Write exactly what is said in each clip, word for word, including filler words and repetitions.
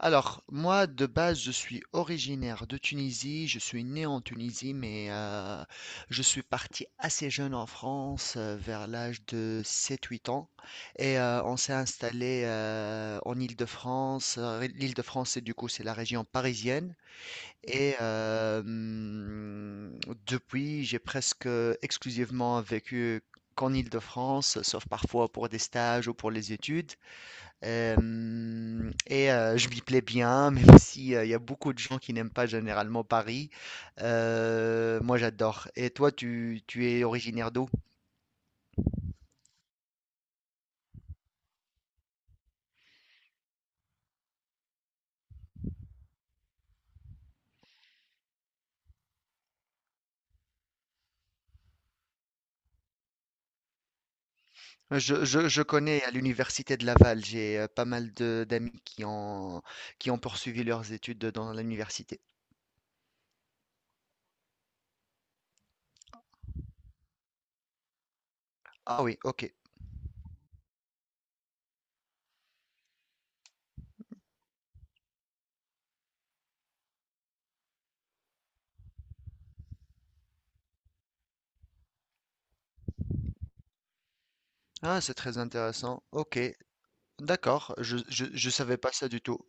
Alors, moi, de base, je suis originaire de Tunisie. Je suis né en Tunisie, mais euh, je suis parti assez jeune en France, euh, vers l'âge de sept-huit ans. Et euh, on s'est installé euh, en Île-de-France. Euh, L'Île-de-France, c'est du coup, c'est la région parisienne. Et euh, hum, Depuis, j'ai presque exclusivement vécu qu'en Île-de-France, sauf parfois pour des stages ou pour les études. Euh, et euh, je m'y plais bien, même si euh, il y a beaucoup de gens qui n'aiment pas généralement Paris. Euh, moi, j'adore. Et toi, tu, tu es originaire d'où? Je, je- je connais à l'université de Laval, j'ai euh, pas mal de d'amis qui ont, qui ont poursuivi leurs études dans l'université. Ah oui, ok. Ah, c'est très intéressant. Ok, d'accord. Je, je, je savais pas ça du tout.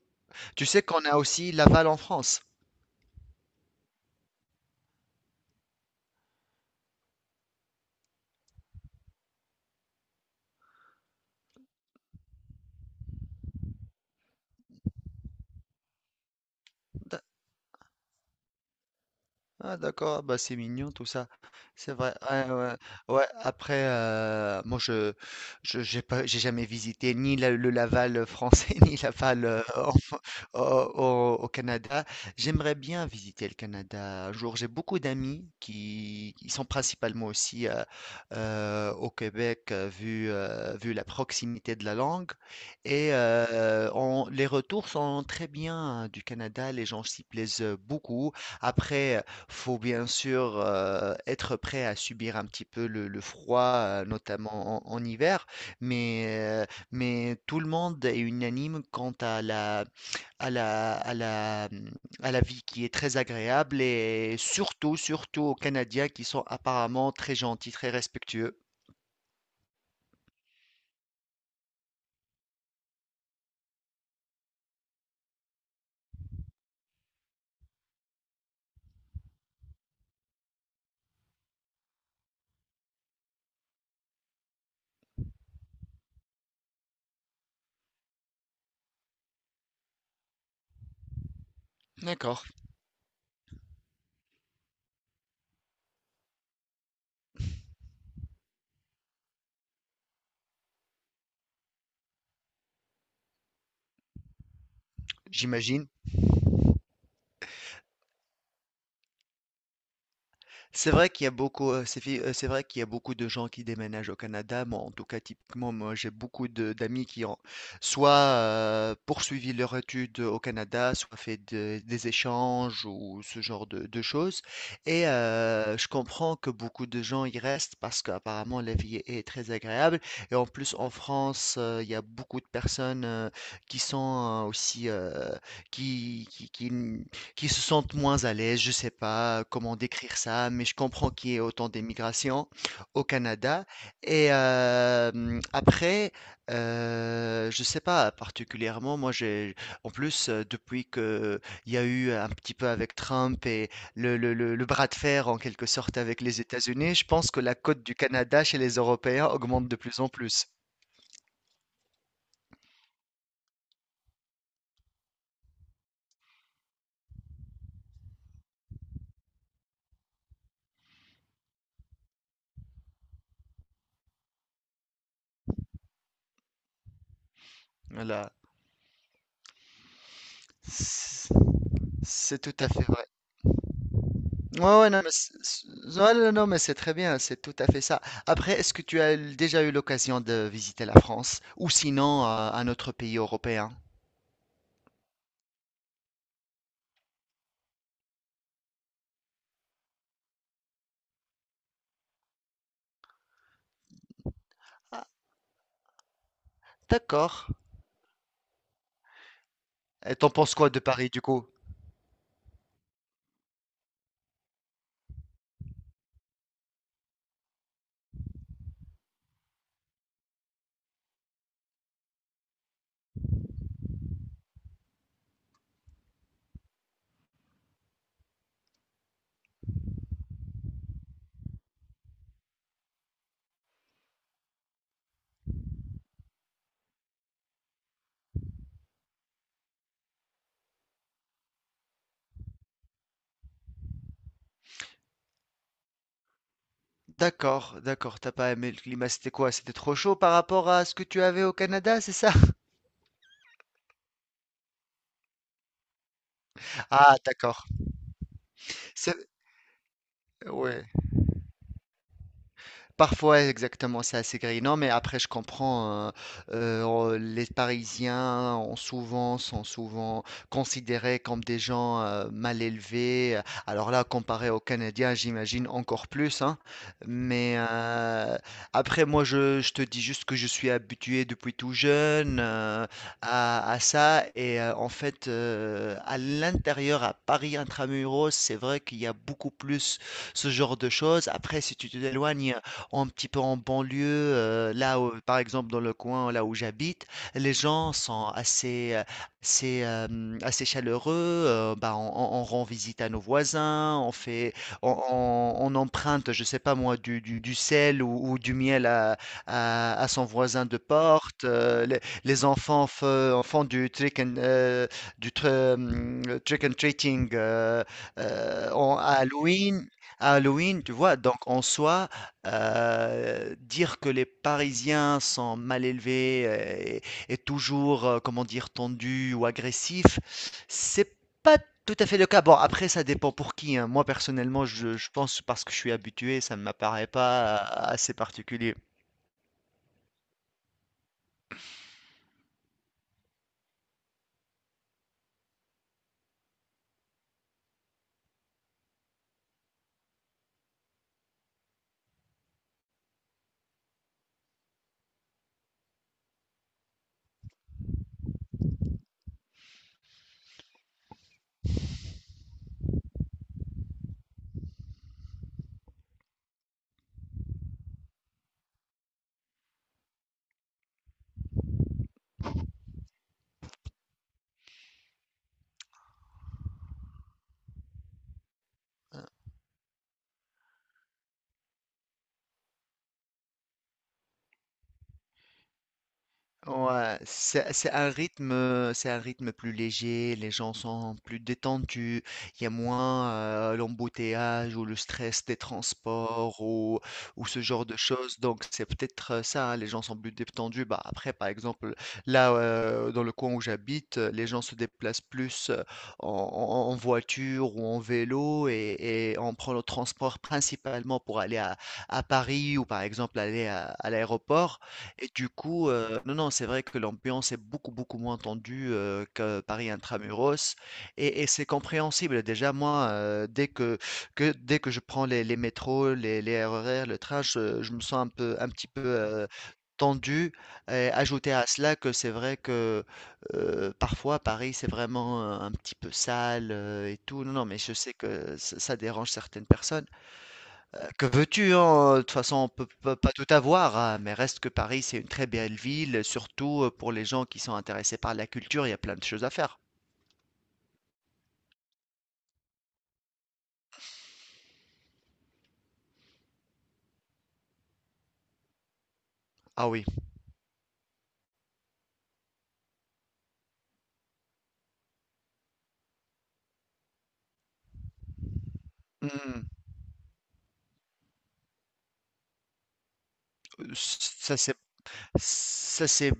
Tu sais qu'on a aussi Laval en France. Ah d'accord, ah bah c'est mignon tout ça. C'est vrai. Ouais, ouais. Ouais, après euh, moi je je j'ai pas j'ai jamais visité ni la- le Laval français ni Laval euh, en- au, au- au Canada. J'aimerais bien visiter le Canada un jour. J'ai beaucoup d'amis qui ils sont principalement aussi euh, euh, au Québec euh, vu euh, vu la proximité de la langue et euh, on- les retours sont très bien hein, du Canada. Les gens s'y plaisent beaucoup. Après, faut bien sûr, heu, être prêt à subir un petit peu le le froid, heu, notamment en en hiver, mais, heu, mais tout le monde est unanime quant à la à la à la, mmh, à la vie qui est très agréable et surtout, surtout aux Canadiens qui sont apparemment très gentils, très respectueux. D'accord. J'imagine. C'est vrai qu'il y a beaucoup, heu, c'est fi heu, c'est vrai qu'il y a beaucoup de gens qui déménagent au Canada. Moi, en tout cas, typiquement, moi, j'ai beaucoup de d'amis qui ont soit, heu, poursuivi leur étude au Canada, soit fait de des échanges ou ce genre de de choses et heu, je comprends que beaucoup de gens y restent parce qu'apparemment la vie est est très agréable et en plus, en France, heu, il y a beaucoup de personnes, heu, qui sont euh, aussi, heu, qui qui qui qui se sentent moins à l'aise, je ne sais pas euh, comment décrire ça, mais je comprends qu'il y ait autant d'émigration au Canada. Et euh, hum, après, euh, je ne sais pas particulièrement, moi j'ai, en plus, euh, depuis que il y a eu un petit peu avec Trump et le, le, le, le bras de fer en quelque sorte avec les États-Unis, je pense que la cote du Canada chez les Européens augmente de plus en plus. Voilà. C'est c'est tout à fait vrai. Ouais, ouais, non, mais c'est- c'est- non, non, non, mais c'est très bien, c'est tout à fait ça. Après, est-ce que tu as déjà eu l'occasion de visiter la France ou sinon euh, un autre pays européen? Ah, d'accord. Et t'en penses quoi de Paris du coup? D'accord, d'accord, t'as pas aimé le climat, c'était quoi? C'était trop chaud par rapport à ce que tu avais au Canada, c'est ça? Ah, d'accord. C'est- Ouais. Parfois, exactement, c'est assez grisant, mais après, je comprends, hein, euh, on- les Parisiens ont souvent, sont souvent considérés comme des gens euh, mal élevés. euh, Alors là, comparé aux Canadiens, j'imagine encore plus, hein. Mais euh, après, moi, je, je te dis juste que je suis habitué depuis tout jeune euh, à, à ça. Et euh, en fait, euh, à l'intérieur, à Paris intramuros, c'est vrai qu'il y a beaucoup plus ce genre de choses. Après, si tu t'éloignes, un petit peu en banlieue, euh, là où- par exemple dans le coin là où j'habite, les gens sont assez, euh, assez, euh, hum, assez chaleureux. Euh, bah, on, on- on rend visite à nos voisins, on fait, on, on- on emprunte, je sais pas moi, du, du, du sel ou, ou du miel à, à, à son voisin de porte. euh, les, les enfants fe- font du trick and, euh, du tr- hum, trick and treating euh, euh, en- à Halloween. À Halloween, tu vois, donc en soi, euh, dire que les Parisiens sont mal élevés euh, et, et toujours, euh, comment dire, tendus ou agressifs, c'est pas tout à fait le cas. Bon, après, ça dépend pour qui, hein. Moi, personnellement, je, je pense parce que je suis habitué, ça ne m'apparaît pas euh, assez particulier. Ouais, c'est c'est un rythme, euh, c'est un rythme plus léger, les gens sont plus détendus, il y a moins euh, l'embouteillage ou le stress des transports ou, ou ce genre de choses. Donc c'est peut-être euh, ça, hein, les gens sont plus détendus. Bah, après, par exemple, là, euh, dans le coin où j'habite, euh, les gens se déplacent plus euh, en, en- en voiture ou en vélo et, et on prend le transport principalement pour aller à, à Paris ou par exemple aller à à l'aéroport. Et du coup, euh, non, non, c'est vrai que l'ambiance est beaucoup, beaucoup moins tendue euh, que Paris intramuros. Et, et c'est compréhensible. Déjà, moi, euh, dès que, que, dès que je prends les, les métros, les, les R E R, le train, je, je me sens un peu, un petit peu euh, tendu. Et ajouter à cela que c'est vrai que euh, parfois, Paris, c'est vraiment euh, un petit peu sale euh, et tout. Non, non, mais je sais que ça ça dérange certaines personnes. Heu, que veux-tu, hein? De toute façon, on peut peut pas tout avoir, hein, mais reste que Paris, c'est une très belle ville, surtout, heu, pour les gens qui sont intéressés par la culture, il y a plein de choses à faire. Ah oui. Mmh. ça, c'est Ça c'est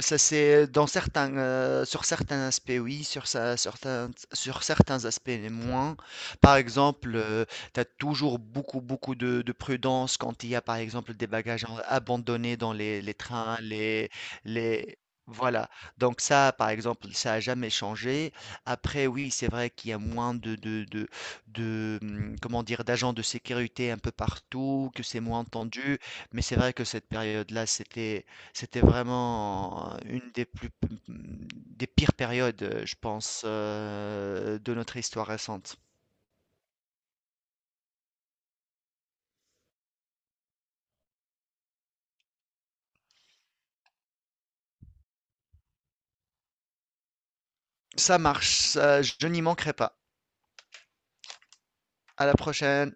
ça c'est dans certains, heu, sur certains aspects oui, sur ça certains sur certains aspects les moins. Par exemple, heu, tu as toujours beaucoup, beaucoup de de prudence quand il y a, par exemple, des bagages en abandonnés dans les les trains, les les voilà. Donc ça, par exemple, ça a jamais changé. Après oui, c'est vrai qu'il y a moins de de de de, mmh, comment dire? D'agents de sécurité un peu partout, que c'est moins tendu, mais c'est vrai que cette période-là, c'était c'était vraiment une des plus mmh, des pires périodes, heu, je pense, heu, de notre histoire récente. Ça marche, ça je n'y manquerai pas. À la prochaine.